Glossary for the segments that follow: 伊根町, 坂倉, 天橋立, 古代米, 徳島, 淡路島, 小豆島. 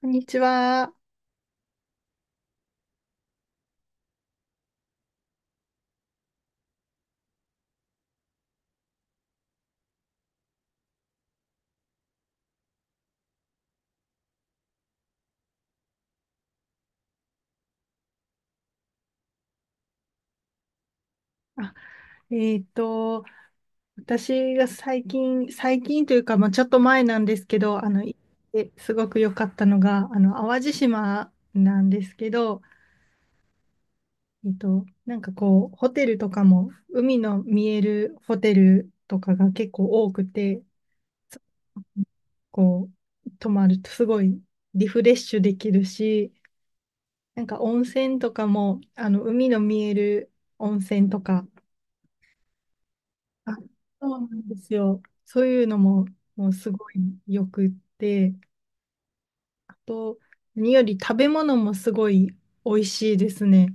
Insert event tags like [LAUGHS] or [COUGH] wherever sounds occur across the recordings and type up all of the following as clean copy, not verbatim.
こんにちは。あ、えっと、私が最近、最近というか、まあ、ちょっと前なんですけど、行ってすごく良かったのが、淡路島なんですけど、なんかこう、ホテルとかも、海の見えるホテルとかが結構多くて、こう、泊まるとすごいリフレッシュできるし、なんか温泉とかも、海の見える温泉とか、あ、そうなんですよ。そういうのも、もうすごいよくって、あと、何より食べ物もすごい美味しいですね。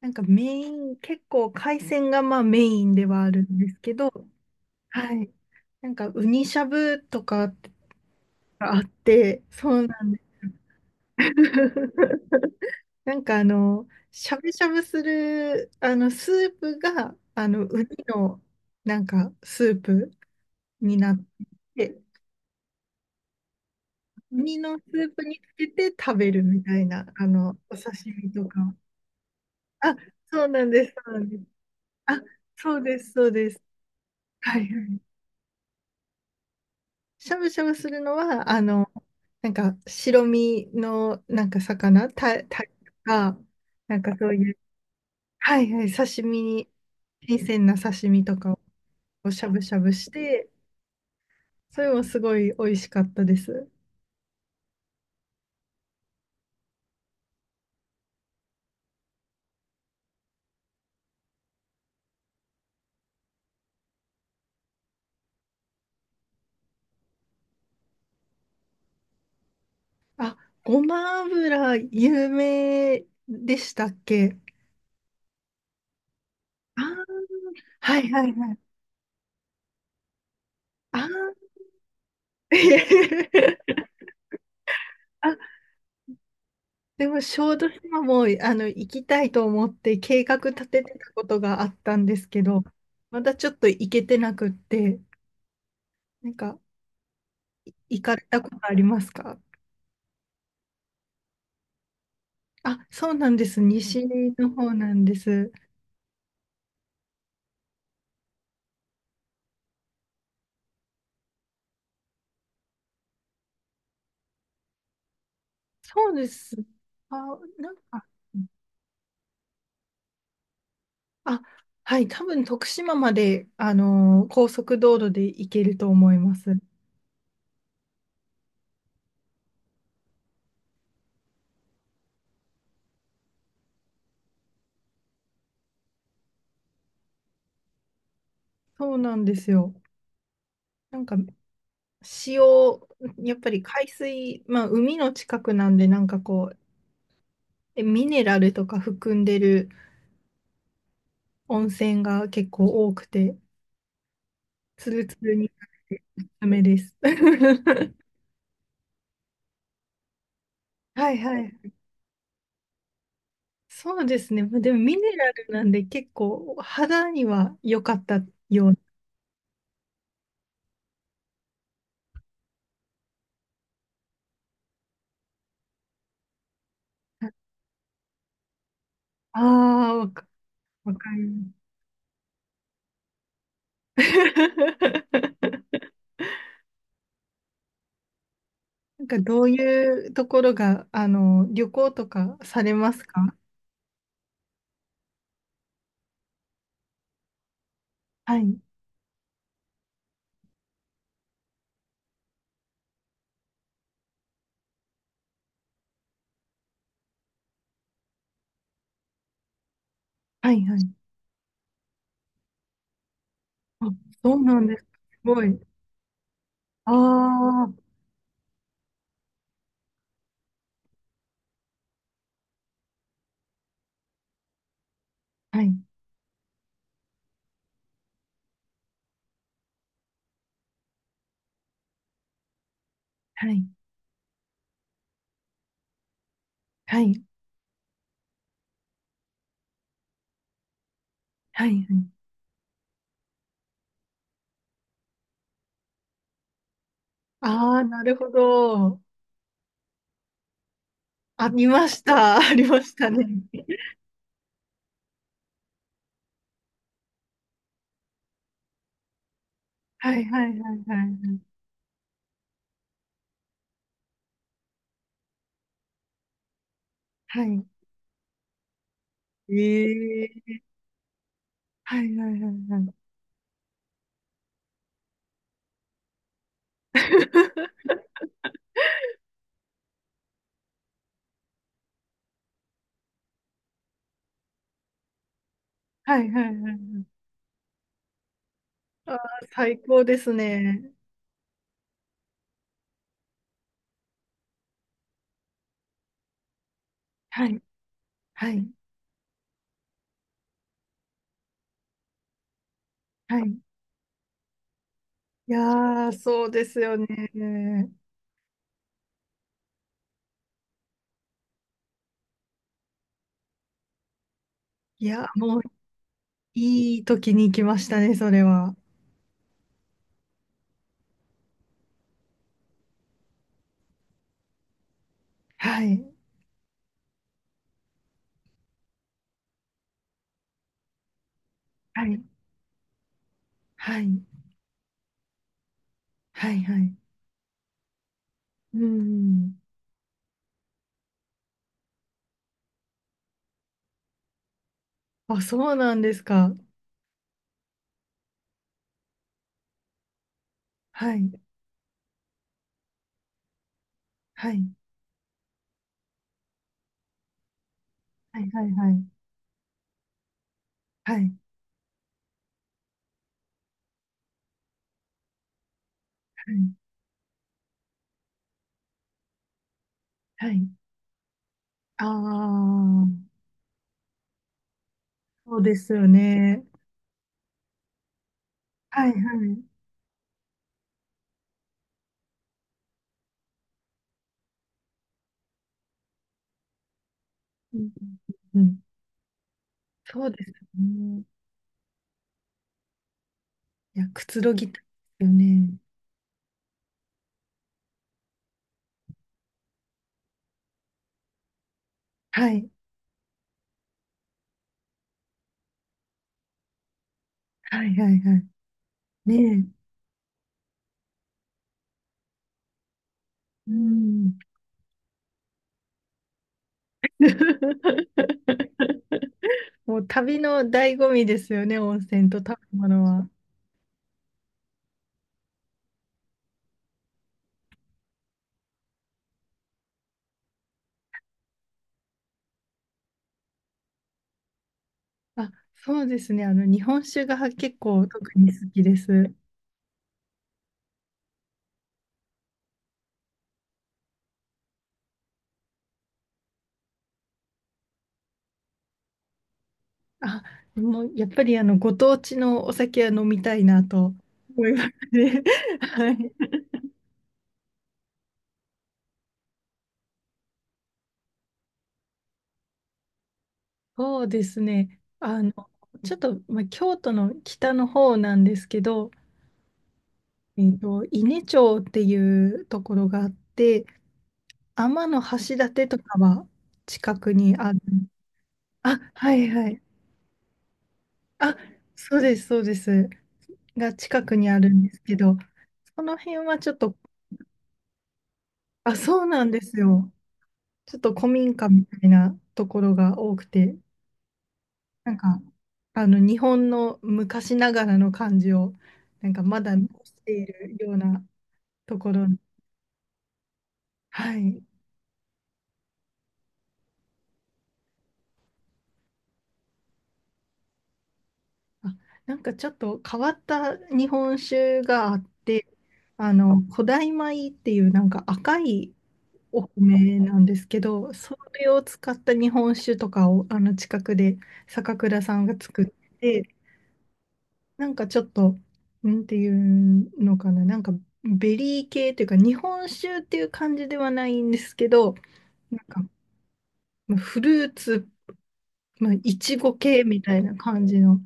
なんかメイン、結構海鮮がまあメインではあるんですけど、はい。なんかウニしゃぶとかがあって、そうなんです。[LAUGHS] しゃぶしゃぶする、スープが、ウニの、なんか、スープになって、ウニのスープにつけて食べるみたいな、お刺身とか。あ、そうなんです、そうなんです。あ、そうです、そうです。はいはい。しゃぶしゃぶするのは、なんか白身のなんか魚、タイとか、なんかそういう、はいはい、刺身に、新鮮な刺身とかをしゃぶしゃぶして、それもすごい美味しかったです。あ、ごま油有名でしたっけ？あー、はいはいはい。あー。 [LAUGHS] あ、でも小豆島もあの行きたいと思って計画立ててたことがあったんですけど、まだちょっと行けてなくって、なんか行かれたことありますか？あ、そうなんです。西の方なんです。そうです。あ、なんか、あ、はい、多分徳島まで、あのー高速道路で行けると思います。そうなんですよ。なんか塩、やっぱり海水、まあ海の近くなんで、なんかこう、えミネラルとか含んでる温泉が結構多くて、ツルツルになっておすすめです。[LAUGHS] はいはい。そうですね。まあでもミネラルなんで結構肌には良かったような。ああ、わかります。[LAUGHS] なんかどういうところが、旅行とかされますか？はい。はいはい。あ、そうなんです。すごい。ああ、はい、はい、はい、はい、はい。ああー、なるほど。あ、りました。[LAUGHS] ありましたね。はい、はい、はい、はい、はい。はい。ええー、はい、はい、はい、はい。[LAUGHS] はい、はい、はい。ああ、最高ですね。はい、はい、はい。いやー、そうですよね。いや、もう、いい時に来ましたね、それは。はい、はい、はい、はい、はい。うん。あ、そうなんですか。はい。はい。はい。はい。はい。はい。はい。はい。ああ、そうですよね。はい。はい。うんうんうん。そうですよね。いや、くつろぎたいですよね。はい。はい。はい。はい。ねえ。うん。[LAUGHS] もう旅の醍醐味ですよね、温泉と食べ物は。あ、そうですね。あの、日本酒が結構特に好きです。あ、でもやっぱりあのご当地のお酒は飲みたいなと思いますね。[LAUGHS] はい。そうですね。あの、ちょっと、まあ、京都の北の方なんですけど、伊根町っていうところがあって、天橋立とかは近くにある。あ、はいはい。あ、そうです、そうです。が近くにあるんですけど、その辺はちょっと、あ、そうなんですよ。ちょっと古民家みたいなところが多くて、なんか、日本の昔ながらの感じを、なんかまだ残しているようなところ、はい。あ、なんかちょっと変わった日本酒があって、古代米っていうなんか赤いお米なんですけど、それを使った日本酒とかを、近くで坂倉さんが作って、なんかちょっと、なんていうのかな、なんかベリー系というか、日本酒っていう感じではないんですけど、なんかまあフルーツ、まあ、いちご系みたいな感じの、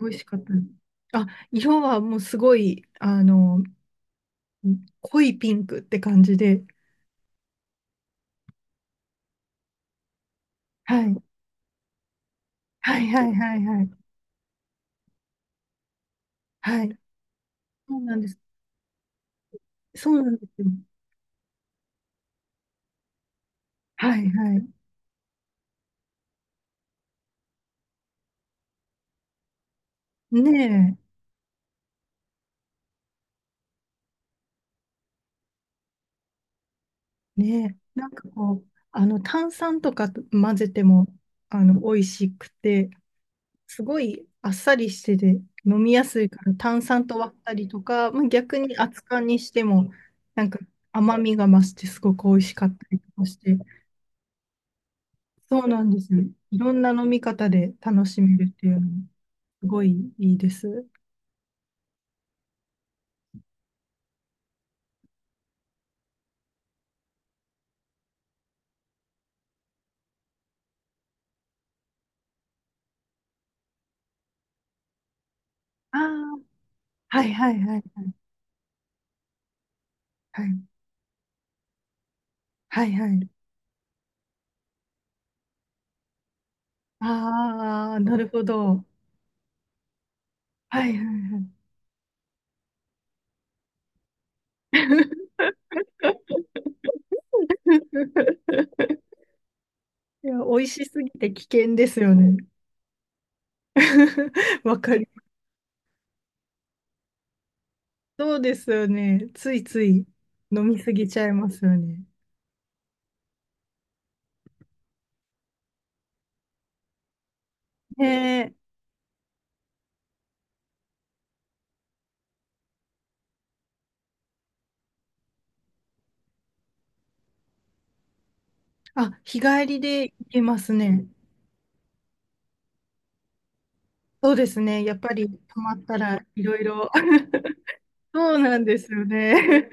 美味しかったです。あ、色はもうすごい、濃いピンクって感じで、はい、はいはいはいはい。はい。そうなんです。そうなんですよ。はいはい。ねえ。ねえ、なんかこう、あの炭酸とか混ぜてもあの美味しくて、すごいあっさりしてて飲みやすいから炭酸と割ったりとか、まあ、逆に熱燗にしてもなんか甘みが増してすごく美味しかったりとかして、そうなんですよ。いろんな飲み方で楽しめるっていうのもすごいいいです。ああ、はいはいはいはい。はいはいはい。ああ、なるほど。はいはいはい。[LAUGHS] いや、美味しすぎて危険ですよね。[LAUGHS] わかる。そうですよね。ついつい飲みすぎちゃいますよね。ねえ。あ、日帰りで行けますね。そうですね。やっぱり泊まったらいろいろ。[LAUGHS] そうなんですよね。